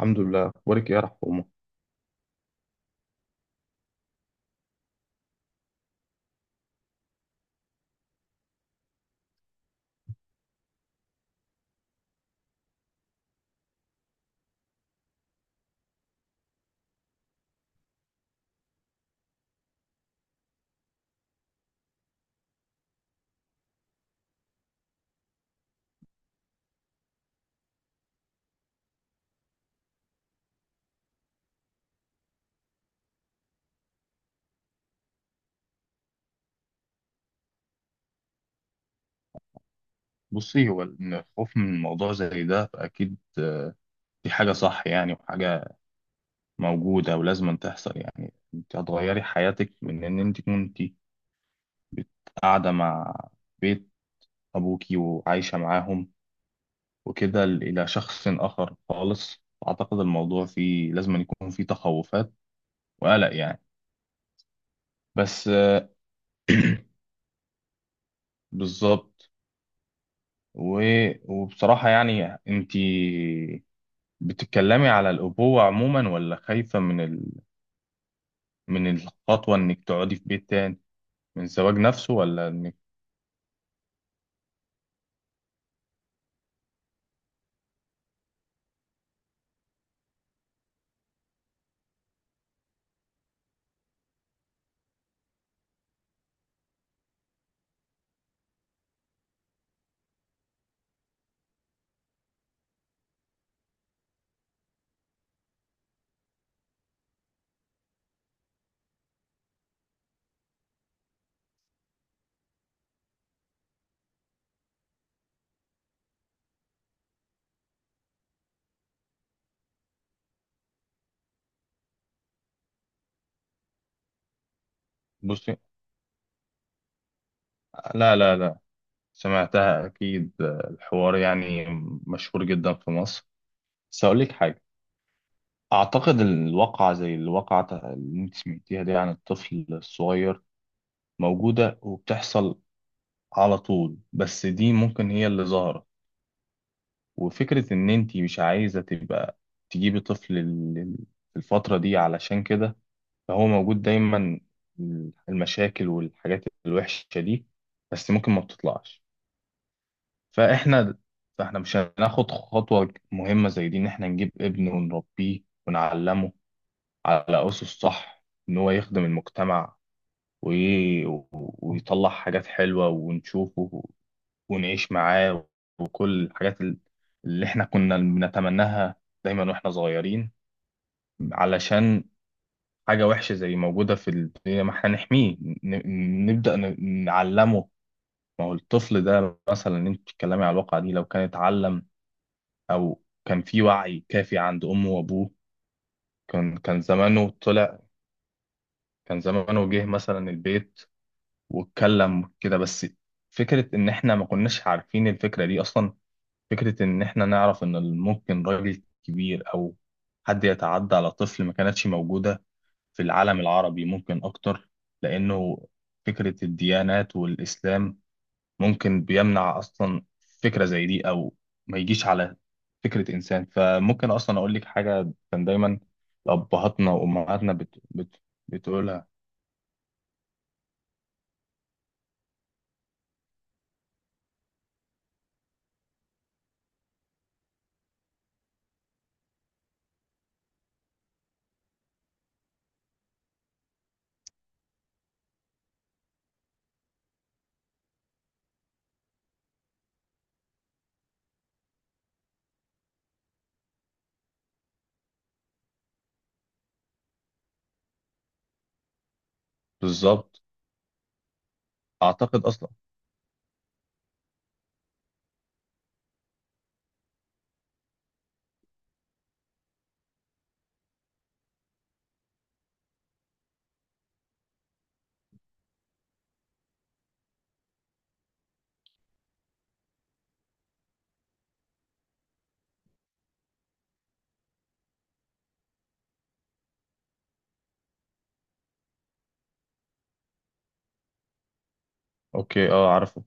الحمد لله وارك يا رحمه. بصي، هو إن الخوف من موضوع زي ده فأكيد، دي حاجة صح، يعني وحاجة موجودة ولازم أن تحصل. يعني أنت هتغيري حياتك من إن أنت كنتي بت- قاعدة مع بيت أبوكي وعايشة معاهم وكده إلى شخص آخر خالص. أعتقد الموضوع فيه لازم أن يكون فيه تخوفات وقلق يعني. بس، بالظبط. و... وبصراحة يعني أنت بتتكلمي على الأبوة عموما، ولا خايفة من الخطوة إنك تقعدي في بيت تاني، من الزواج نفسه، ولا إنك... بصي، لا لا لا، سمعتها أكيد، الحوار يعني مشهور جدا في مصر. بس هقول لك حاجة. أعتقد الواقعة زي الواقعة اللي أنت سمعتيها دي عن الطفل الصغير موجودة وبتحصل على طول، بس دي ممكن هي اللي ظاهرة. وفكرة إن أنت مش عايزة تبقى تجيبي طفل في الفترة دي علشان كده. فهو موجود دايما المشاكل والحاجات الوحشة دي، بس ممكن ما بتطلعش. فاحنا فاحنا مش هناخد خطوة مهمة زي دي، ان احنا نجيب ابن ونربيه ونعلمه على أسس صح، ان هو يخدم المجتمع وي... ويطلع حاجات حلوة ونشوفه ونعيش معاه وكل الحاجات اللي احنا كنا بنتمناها دايما واحنا صغيرين. علشان حاجة وحشة زي موجودة في الدنيا، ما احنا نحميه، نبدأ نعلمه. ما هو الطفل ده مثلا اللي انت بتتكلمي على الواقعة دي لو كان اتعلم أو كان في وعي كافي عند أمه وأبوه، كان زمانه طلع، كان زمانه جه مثلا البيت واتكلم كده بس. فكرة إن احنا ما كناش عارفين الفكرة دي أصلا، فكرة إن احنا نعرف إن ممكن راجل كبير أو حد يتعدى على طفل، ما كانتش موجودة في العالم العربي ممكن أكتر، لأنه فكرة الديانات والإسلام ممكن بيمنع أصلا فكرة زي دي، أو ما يجيش على فكرة إنسان. فممكن أصلا أقول لك حاجة، كان دايما أبهاتنا وأمهاتنا بتقولها. بالظبط. أعتقد أصلا. أوكي، أه، عارفه.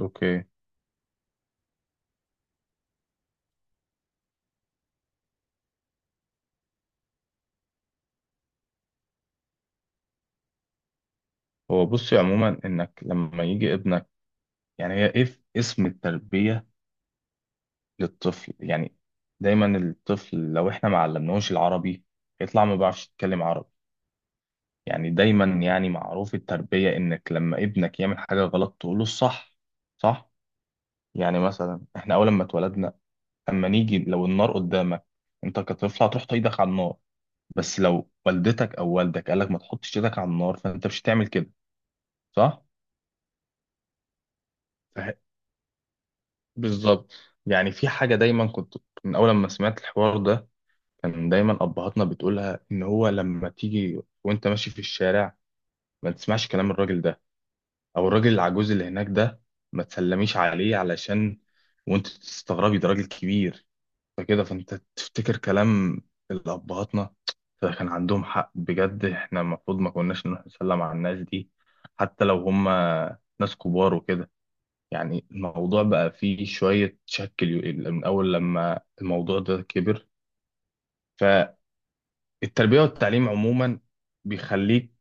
أوكي. هو بصي عموما إنك لما يجي ابنك، يعني هي إيه اسم التربية للطفل، يعني دايما الطفل لو إحنا ما علمناهوش العربي يطلع ما بيعرفش يتكلم عربي. يعني دايما، يعني معروف التربية إنك لما ابنك يعمل حاجة غلط تقوله الصح، صح؟ يعني مثلا إحنا أول ما اتولدنا، أما نيجي لو النار قدامك، أنت كطفل هتروح تحط على النار، بس لو والدتك أو والدك قالك ما تحطش إيدك على النار فأنت مش هتعمل كده. صح؟ فه- بالظبط. يعني في حاجة دايما كنت من أول ما سمعت الحوار ده، كان دايما أبهاتنا بتقولها إن هو لما تيجي وأنت ماشي في الشارع ما تسمعش كلام الراجل ده او الراجل العجوز اللي هناك ده، ما تسلميش عليه، علشان وانت تستغربي ده راجل كبير، فكده فانت تفتكر كلام الابهاتنا. فكان عندهم حق بجد، احنا المفروض ما كناش نروح نسلم على الناس دي حتى لو هم ناس كبار وكده. يعني الموضوع بقى فيه شوية شك من أول لما الموضوع ده كبر. فالتربية والتعليم عموما بيخليك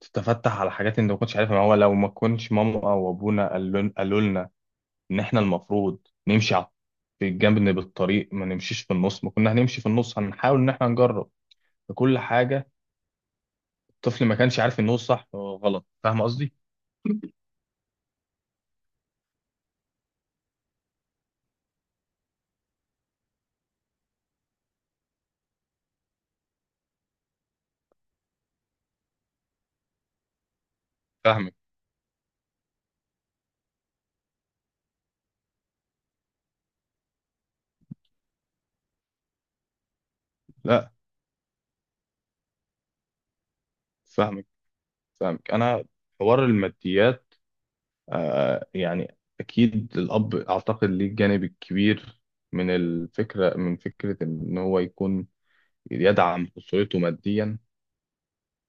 تتفتح على حاجات انت ما كنتش عارفها. ما هو لو ما كنتش ماما او ابونا قالوا لنا ان احنا المفروض نمشي على في الجنب بالطريق، ما نمشيش في النص، ما كنا هنمشي في النص، هنحاول ان احنا نجرب في كل حاجه. الطفل ما كانش عارف ان هو صح وغلط، فاهم قصدي. فاهمك، لا، فاهمك فاهمك انا. حوار الماديات، يعني اكيد الاب اعتقد ليه الجانب الكبير من فكره ان هو يكون يدعم اسرته ماديا.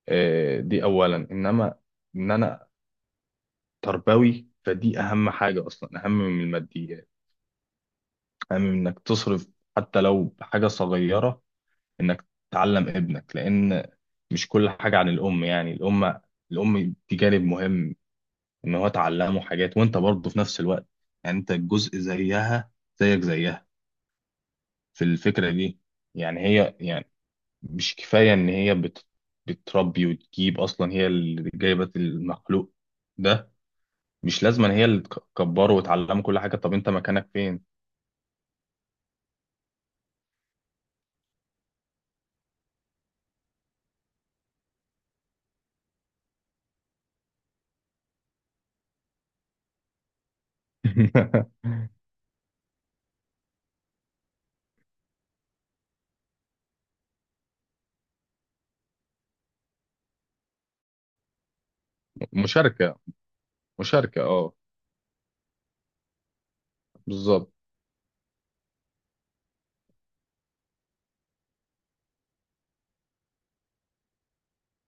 دي اولا، انما ان انا تربوي، فدي اهم حاجه اصلا، اهم من الماديات. أهم من إنك تصرف حتى لو بحاجة صغيرة، إنك تعلم ابنك، لأن مش كل حاجة عن الأم. يعني الأم دي جانب مهم، إن هو تعلمه حاجات وأنت برضه في نفس الوقت. يعني أنت جزء زيها، زيك زيها في الفكرة دي. يعني هي، يعني مش كفاية إن هي بتربي وتجيب، أصلا هي اللي جايبة المخلوق ده. مش لازم إن هي اللي تكبره وتعلمه كل حاجة، طب أنت مكانك فين؟ مشاركة، مشاركة، اه. بالظبط.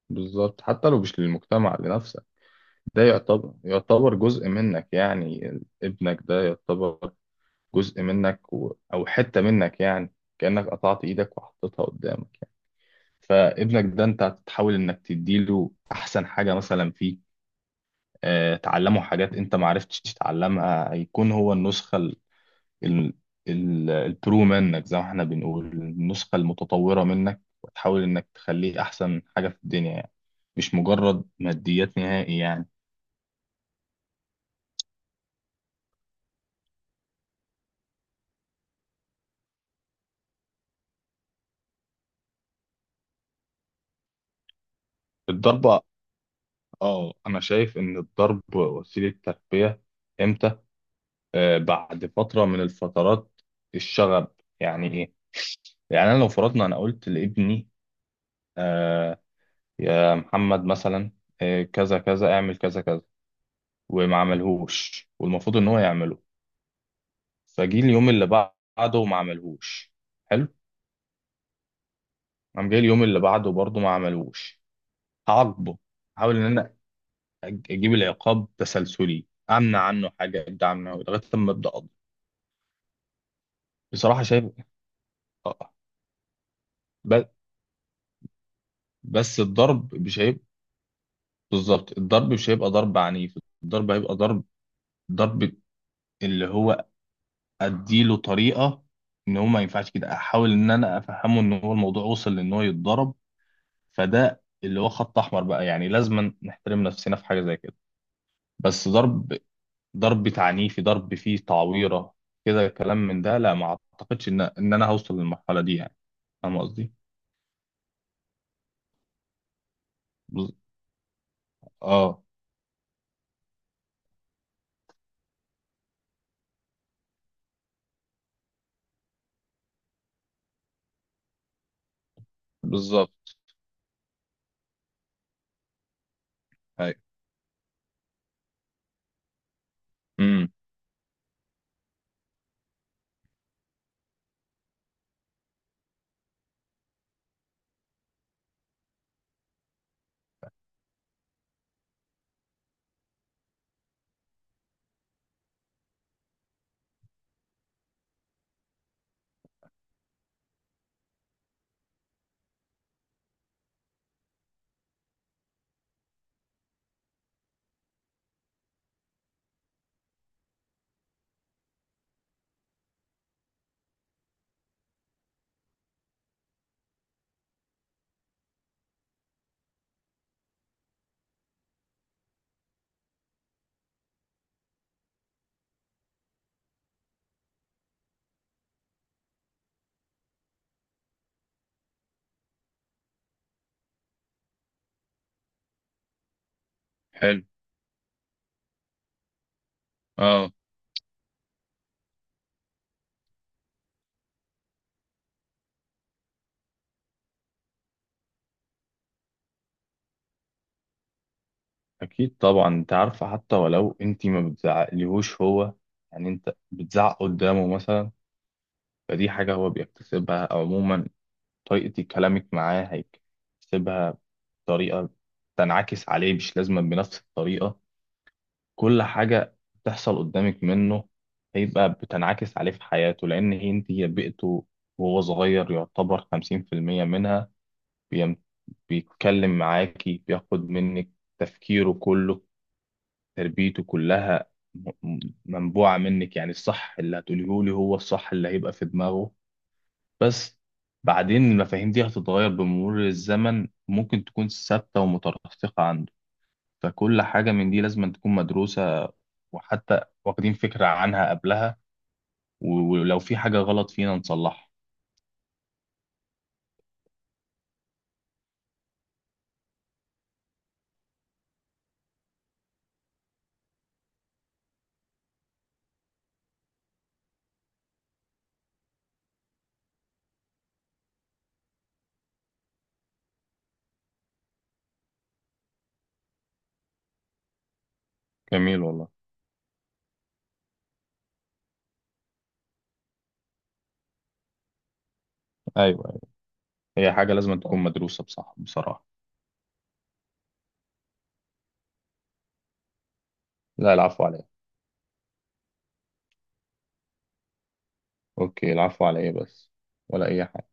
بالظبط، حتى لو مش للمجتمع، لنفسك. ده يعتبر، جزء منك، يعني ابنك ده يعتبر جزء منك او حتة منك، يعني كأنك قطعت ايدك وحطيتها قدامك يعني. فابنك ده انت هتحاول انك تديله احسن حاجة مثلا فيه، تعلمه حاجات انت ما عرفتش تتعلمها. هيكون هو النسخة ال- البرو منك، زي ما احنا بنقول النسخة المتطورة منك، وتحاول انك تخليه احسن حاجة في الدنيا، يعني مش مجرد ماديات نهائي يعني. الضربة. اه، انا شايف ان الضرب وسيلة تربية. امتى؟ بعد فترة من الفترات الشغب. يعني ايه؟ يعني انا لو فرضنا انا قلت لابني، آه يا محمد مثلا، كذا كذا، اعمل كذا كذا، وما عملهوش والمفروض ان هو يعمله، فجي اليوم اللي بعده وما عملهوش. حلو. قام جاي اليوم اللي بعده برضه ما عملهوش، هعاقبه. احاول ان انا اجيب العقاب تسلسلي، امنع عنه حاجه، ابدا عنه لغايه لما ابدا اقضي. بصراحه شايف. آه. آه، ب- بس الضرب مش هيبقى. بالظبط، الضرب مش هيبقى ضرب عنيف. الضرب هيبقى ضرب، ضرب اللي هو اديله طريقه ان هو ما ينفعش كده، احاول ان انا افهمه ان هو الموضوع وصل لان هو يتضرب، فده اللي هو خط احمر بقى، يعني لازم نحترم نفسنا في حاجه زي كده. بس ضرب، تعنيفي، ضرب فيه تعويرة، كده كلام من ده لا، ما اعتقدش ان انا هوصل للمرحلة دي يعني. فاهم قصدي؟ بز... اه. بالظبط. ايوه. امم. حلو. اه. اكيد طبعا، انت عارفة حتى ولو انت ما بتزعقليهوش هو، يعني انت بتزعق قدامه مثلا، فدي حاجة هو بيكتسبها، أو عموما طريقة كلامك معاه هيكتسبها بطريقة تنعكس عليه مش لازم بنفس الطريقة. كل حاجة بتحصل قدامك منه هيبقى بتنعكس عليه في حياته، لأن هي انت هي بيئته، وهو صغير يعتبر 50% منها. بيم- بيتكلم معاكي، بياخد منك تفكيره كله، تربيته كلها منبوعة منك. يعني الصح اللي هتقوليه لي هو الصح اللي هيبقى في دماغه. بس بعدين المفاهيم دي هتتغير بمرور الزمن، ممكن تكون ثابتة ومترسخة، فكل حاجة من دي لازم تكون مدروسة، وحتى واخدين فكرة عنها قبلها، ولو في حاجة غلط فينا نصلحها. جميل والله. أيوة أيوة. هي حاجة لازم تكون مدروسة بصح بصراحة. لا، العفو عليا. أوكي، العفو عليا، بس ولا أي حاجة.